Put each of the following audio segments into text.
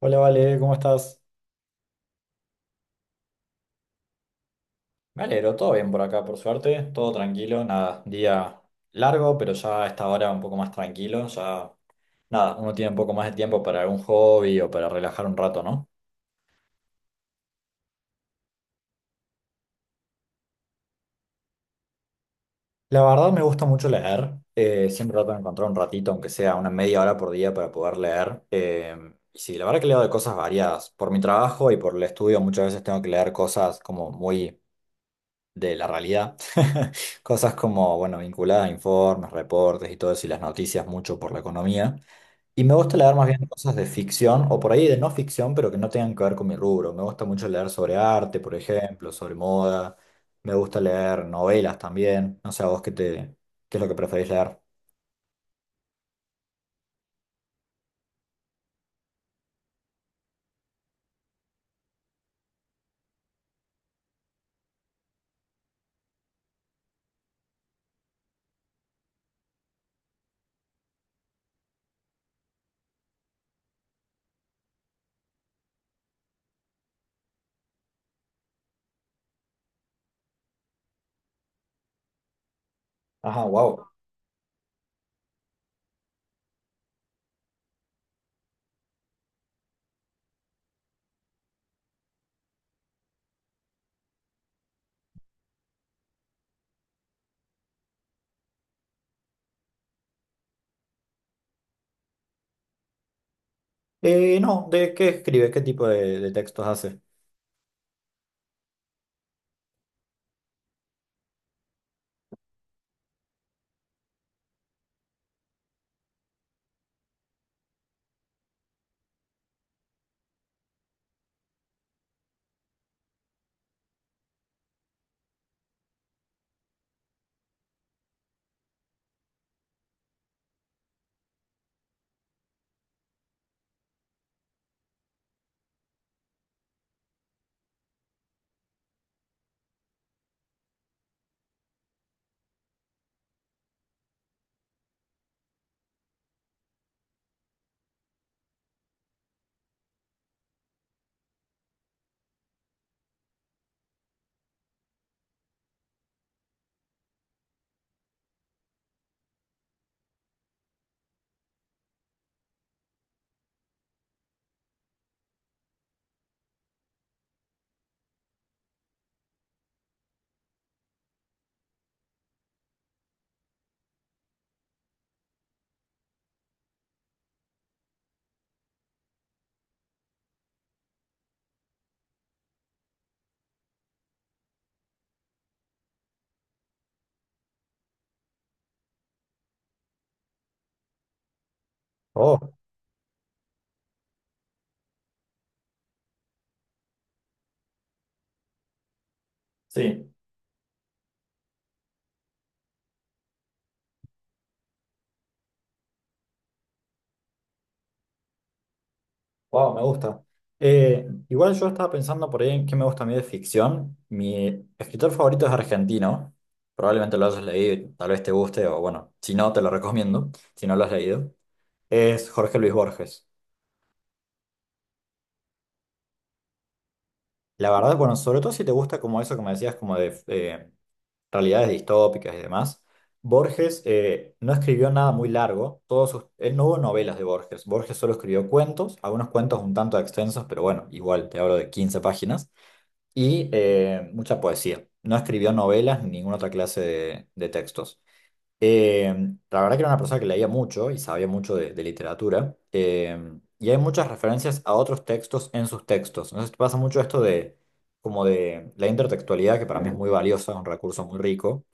Hola, Vale, ¿cómo estás? Me alegro, todo bien por acá, por suerte, todo tranquilo, nada, día largo, pero ya a esta hora un poco más tranquilo, ya nada, uno tiene un poco más de tiempo para algún hobby o para relajar un rato, ¿no? La verdad me gusta mucho leer, siempre trato de encontrar un ratito, aunque sea una media hora por día para poder leer. Y sí, la verdad que leo de cosas variadas, por mi trabajo y por el estudio muchas veces tengo que leer cosas como muy de la realidad. Cosas como, bueno, vinculadas a informes, reportes y todo eso, y las noticias mucho por la economía. Y me gusta leer más bien cosas de ficción o por ahí de no ficción, pero que no tengan que ver con mi rubro. Me gusta mucho leer sobre arte, por ejemplo, sobre moda. Me gusta leer novelas también. No sé, a vos qué te, qué es lo que preferís leer. Ajá, wow. No, ¿de qué escribe? ¿Qué tipo de textos hace? Oh, sí. Wow, me gusta. Igual yo estaba pensando por ahí en qué me gusta a mí de ficción. Mi escritor favorito es argentino. Probablemente lo hayas leído y tal vez te guste, o bueno, si no, te lo recomiendo, si no lo has leído. Es Jorge Luis Borges. La verdad, bueno, sobre todo si te gusta como eso que me decías, como de realidades distópicas y demás. Borges no escribió nada muy largo. Él no hubo novelas de Borges. Borges solo escribió cuentos, algunos cuentos un tanto extensos, pero bueno, igual te hablo de 15 páginas. Y mucha poesía. No escribió novelas ni ninguna otra clase de textos. Eh, la verdad que era una persona que leía mucho y sabía mucho de literatura. Y hay muchas referencias a otros textos en sus textos. Entonces pasa mucho esto de como de la intertextualidad, que para mí es muy valiosa, un recurso muy rico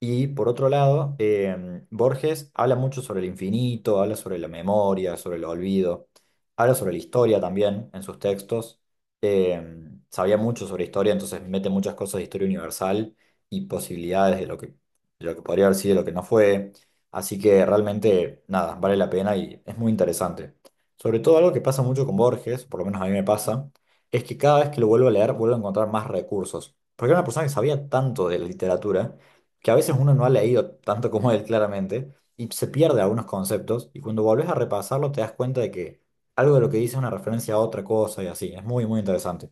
y por otro lado, Borges habla mucho sobre el infinito, habla sobre la memoria, sobre el olvido, habla sobre la historia también en sus textos. Sabía mucho sobre historia, entonces mete muchas cosas de historia universal y posibilidades de lo que podría haber sido y lo que no fue. Así que realmente, nada, vale la pena y es muy interesante. Sobre todo algo que pasa mucho con Borges, por lo menos a mí me pasa, es que cada vez que lo vuelvo a leer, vuelvo a encontrar más recursos. Porque era una persona que sabía tanto de la literatura que a veces uno no ha leído tanto como él claramente y se pierde algunos conceptos y cuando volvés a repasarlo te das cuenta de que algo de lo que dice es una referencia a otra cosa y así. Es muy, muy interesante.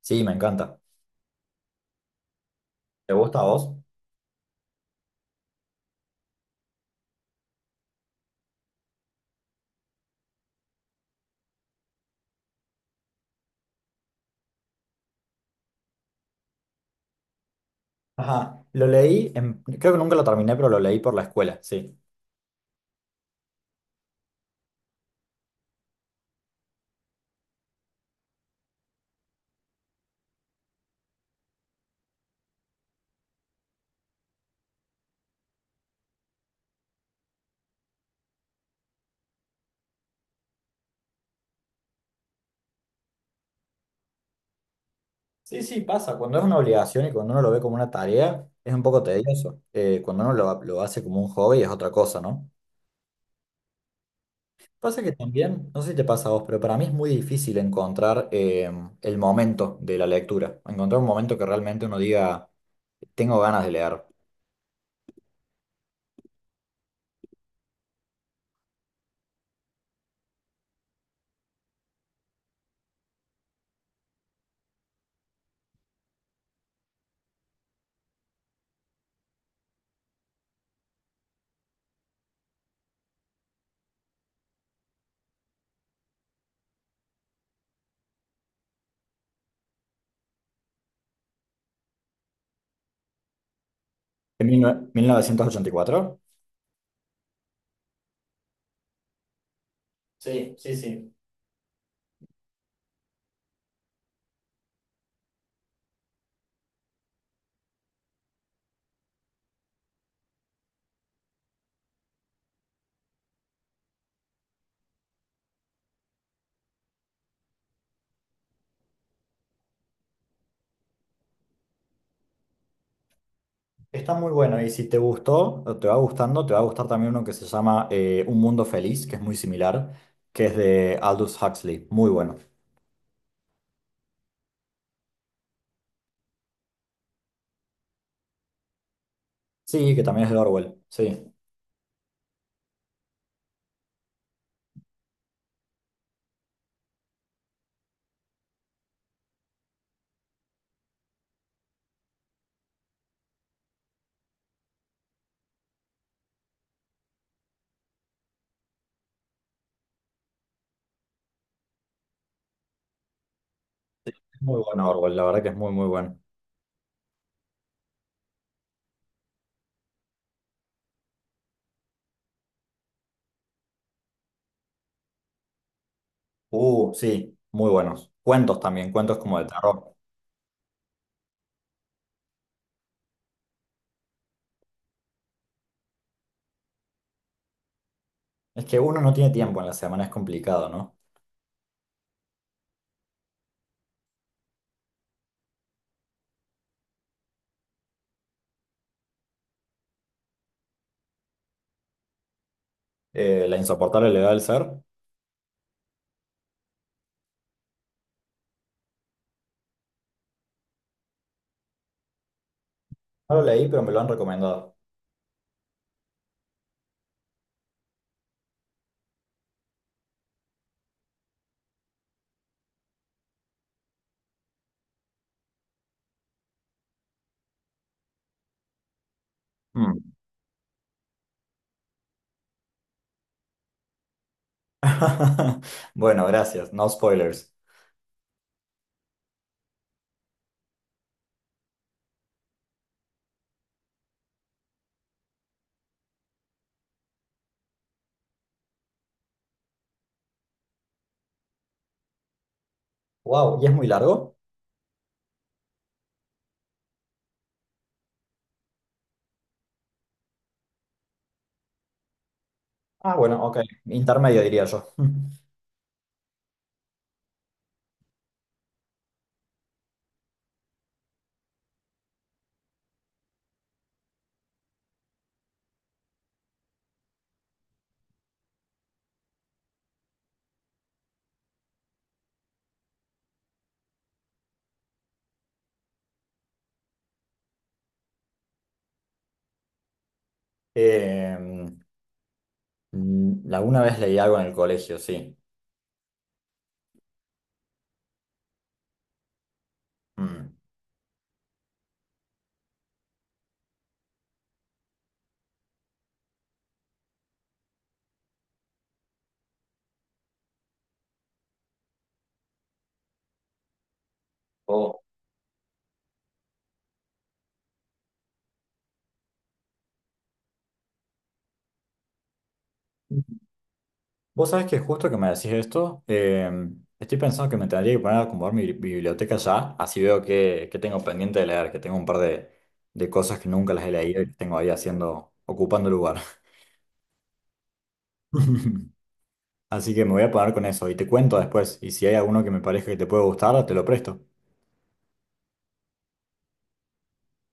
Sí, me encanta. ¿Te gusta a vos? Ajá, lo leí, en- creo que nunca lo terminé, pero lo leí por la escuela, sí. Sí, sí, pasa. Cuando es una obligación y cuando uno lo ve como una tarea, es un poco tedioso. Cuando uno lo hace como un hobby es otra cosa, ¿no? Pasa que también, no sé si te pasa a vos, pero para mí es muy difícil encontrar el momento de la lectura, encontrar un momento que realmente uno diga, tengo ganas de leer. En 1984. Sí, sí, sí. Está muy bueno y si te gustó o te va gustando, te va a gustar también uno que se llama Un Mundo Feliz, que es muy similar, que es de Aldous Huxley, muy bueno. Sí, que también es de Orwell, sí, es muy bueno Orwell, la verdad que es muy, muy bueno. Sí, muy buenos. Cuentos también, cuentos como de terror. Es que uno no tiene tiempo en la semana, es complicado, ¿no? La insoportable levedad del ser. No lo leí, pero me lo han recomendado. Mm. Bueno, gracias. No spoilers. Wow, ¿y es muy largo? Ah, bueno, ok. Intermedio diría yo. Eh, alguna vez leí algo en el colegio, sí. Mm. Oh. Vos sabés que justo que me decís esto, estoy pensando que me tendría que poner a acomodar mi biblioteca ya, así veo que tengo pendiente de leer, que tengo un par de, cosas que nunca las he leído y que tengo ahí haciendo, ocupando lugar. Así que me voy a poner con eso y te cuento después, y si hay alguno que me parezca que te puede gustar, te lo presto.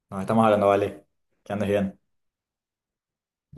Nos estamos hablando, vale. Que andes bien.